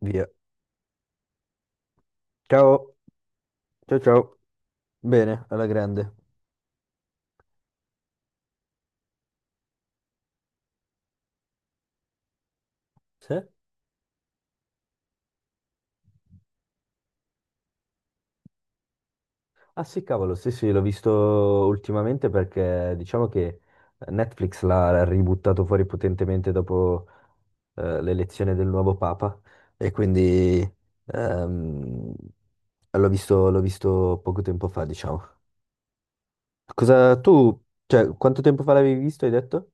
Via. Ciao, ciao, ciao. Bene, alla grande. Sì? Ah sì, cavolo, sì, sì, l'ho visto ultimamente perché diciamo che Netflix l'ha ributtato fuori potentemente dopo l'elezione del nuovo Papa e quindi ehm, l'ho visto poco tempo fa, diciamo. Cosa tu, cioè, quanto tempo fa l'avevi visto, hai detto?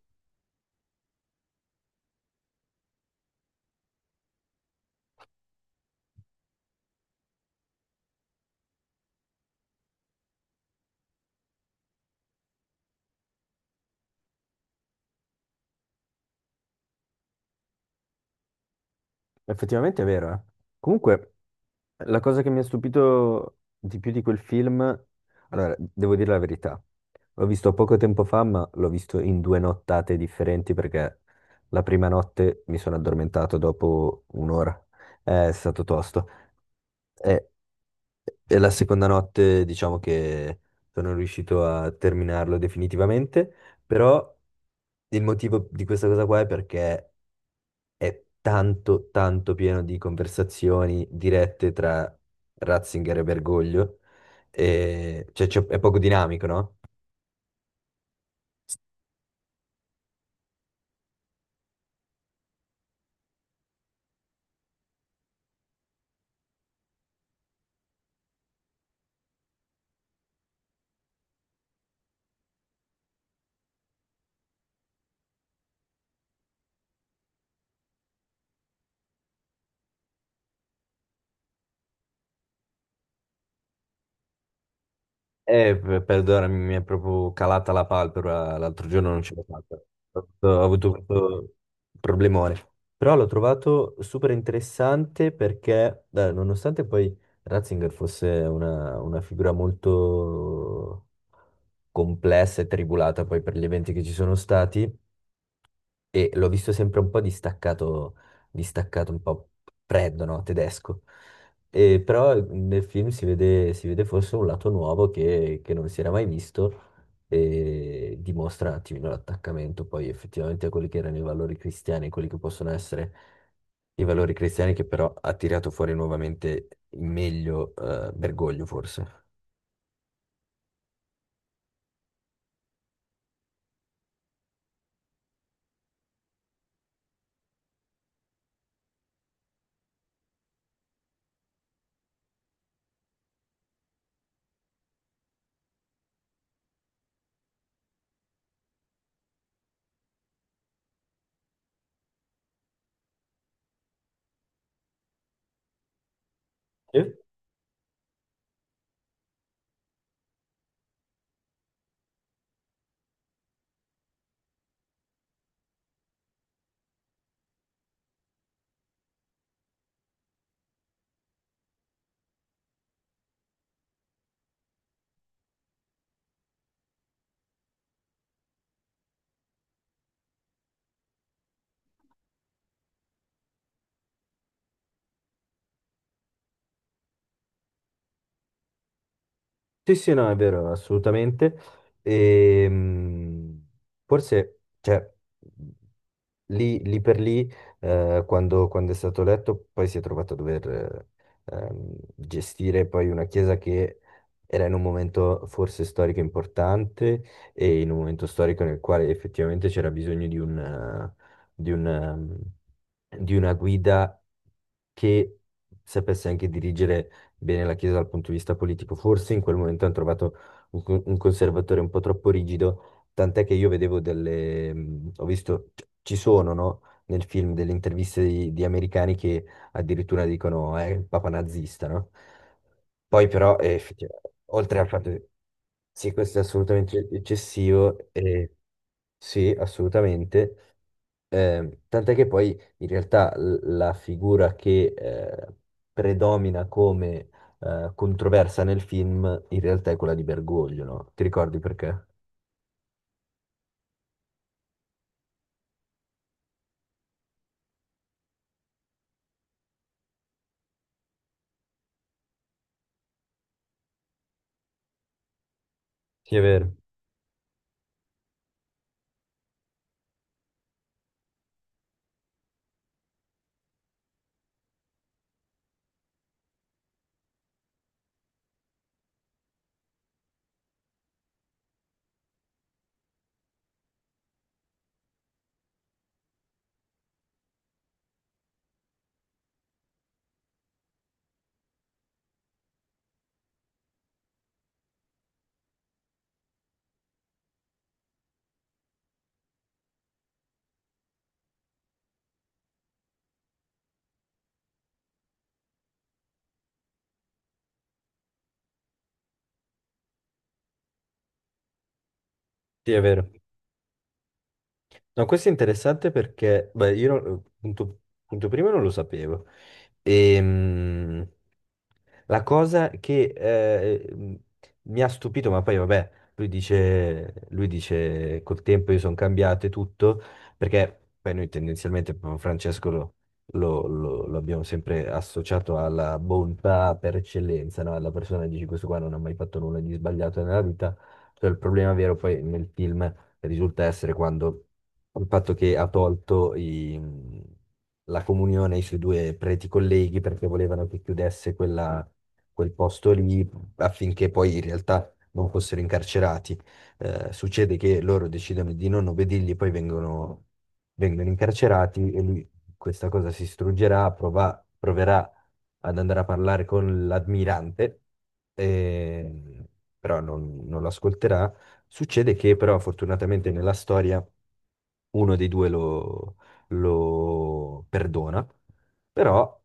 Effettivamente è vero, eh. Comunque, la cosa che mi ha stupito di più di quel film, allora, devo dire la verità, l'ho visto poco tempo fa, ma l'ho visto in due nottate differenti perché la prima notte mi sono addormentato dopo un'ora. È stato tosto. E, e la seconda notte, diciamo che sono riuscito a terminarlo definitivamente, però il motivo di questa cosa qua è perché è tanto, tanto pieno di conversazioni dirette tra Ratzinger e Bergoglio, e, cioè, è poco dinamico, no? Perdonami, mi è proprio calata la palpebra, l'altro giorno non ce l'ho fatta, ho avuto questo problemone, però l'ho trovato super interessante perché, nonostante poi Ratzinger fosse una figura molto complessa e tribulata poi per gli eventi che ci sono stati, e l'ho visto sempre un po' distaccato, distaccato un po' freddo, no? Tedesco. E però nel film si vede forse un lato nuovo che non si era mai visto e dimostra un attimino l'attaccamento poi effettivamente a quelli che erano i valori cristiani, quelli che possono essere i valori cristiani che però ha tirato fuori nuovamente il meglio, Bergoglio forse. Sì. Sì, sì, no, è vero, assolutamente. Ehm, forse, cioè, lì, lì per lì, quando è stato eletto, poi si è trovato a dover gestire poi una chiesa che era in un momento forse storico importante e in un momento storico nel quale effettivamente c'era bisogno di di una guida che sapesse anche dirigere bene la Chiesa dal punto di vista politico. Forse in quel momento hanno trovato un conservatore un po' troppo rigido, tant'è che io vedevo delle, ho visto, ci sono, no? Nel film delle interviste di americani che addirittura dicono è il papa nazista, no? Poi però, effettivamente, oltre al fatto che sì, questo è assolutamente eccessivo, sì, assolutamente, tant'è che poi in realtà la figura che predomina come controversa nel film in realtà è quella di Bergoglio, no? Ti ricordi perché? Sì, è vero, sì, è vero. No, questo è interessante perché, beh, io non- punto, punto primo non lo sapevo. Ehm, la cosa che mi ha stupito, ma poi vabbè, lui dice col tempo io sono cambiato e tutto, perché poi noi tendenzialmente proprio Francesco lo abbiamo sempre associato alla bontà per eccellenza, no? Alla persona che dici questo qua non ha mai fatto nulla di sbagliato nella vita, cioè il problema vero poi nel film risulta essere quando il fatto che ha tolto i- la comunione ai suoi due preti colleghi perché volevano che chiudesse quel posto lì affinché poi in realtà non fossero incarcerati. Succede che loro decidono di non obbedirgli, poi vengono incarcerati e lui questa cosa si struggerà, proverà ad andare a parlare con l'ammirante, eh, però non lo ascolterà. Succede che però fortunatamente nella storia uno dei due lo, lo perdona, però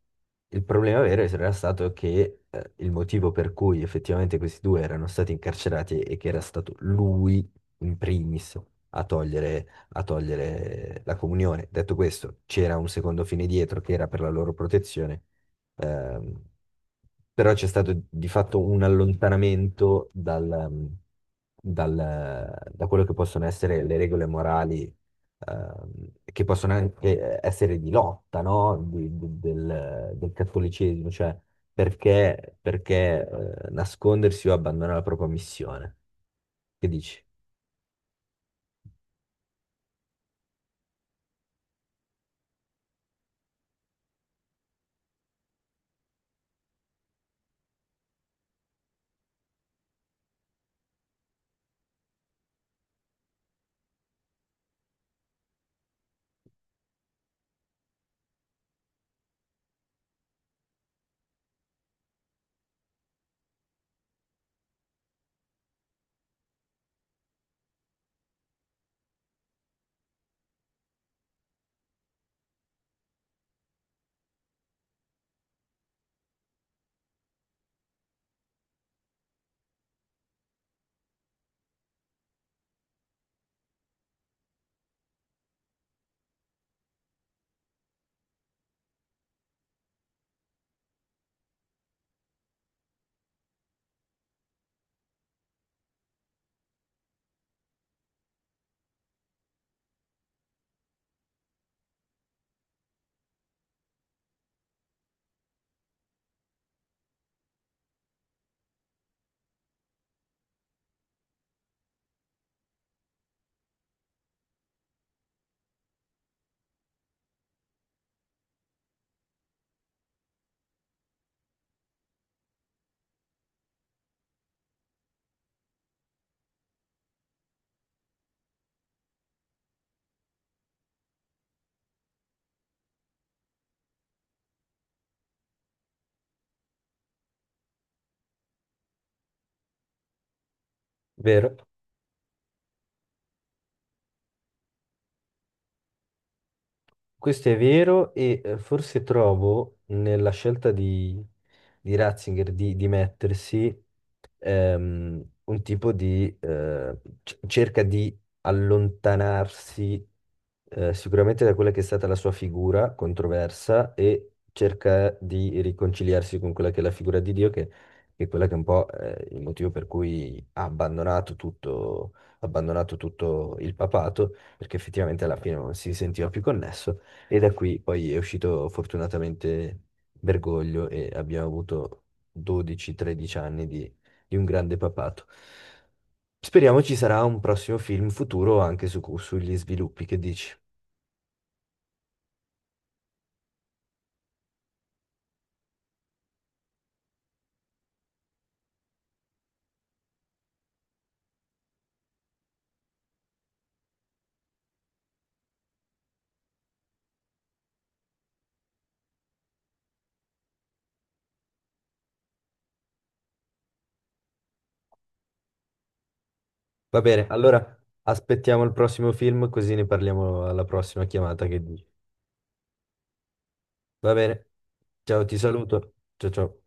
il problema vero era stato che il motivo per cui effettivamente questi due erano stati incarcerati e che era stato lui in primis a togliere, a togliere la comunione. Detto questo, c'era un secondo fine dietro che era per la loro protezione. Ehm, però c'è stato di fatto un allontanamento dal- da quello che possono essere le regole morali, che possono anche essere di lotta, no? Del cattolicesimo, cioè perché, perché, nascondersi o abbandonare la propria missione? Che dici? Vero? Questo è vero e forse trovo nella scelta di Ratzinger di mettersi un tipo di... cerca di allontanarsi sicuramente da quella che è stata la sua figura controversa e cerca di riconciliarsi con quella che è la figura di Dio, che è quella che è un po' il motivo per cui ha abbandonato tutto il papato, perché effettivamente alla fine non si sentiva più connesso. E da qui poi è uscito fortunatamente Bergoglio e abbiamo avuto 12-13 anni di un grande papato. Speriamo ci sarà un prossimo film futuro anche su, sugli sviluppi, che dici? Va bene, allora aspettiamo il prossimo film così ne parliamo alla prossima chiamata, che dici? Va bene, ciao, ti saluto, ciao ciao.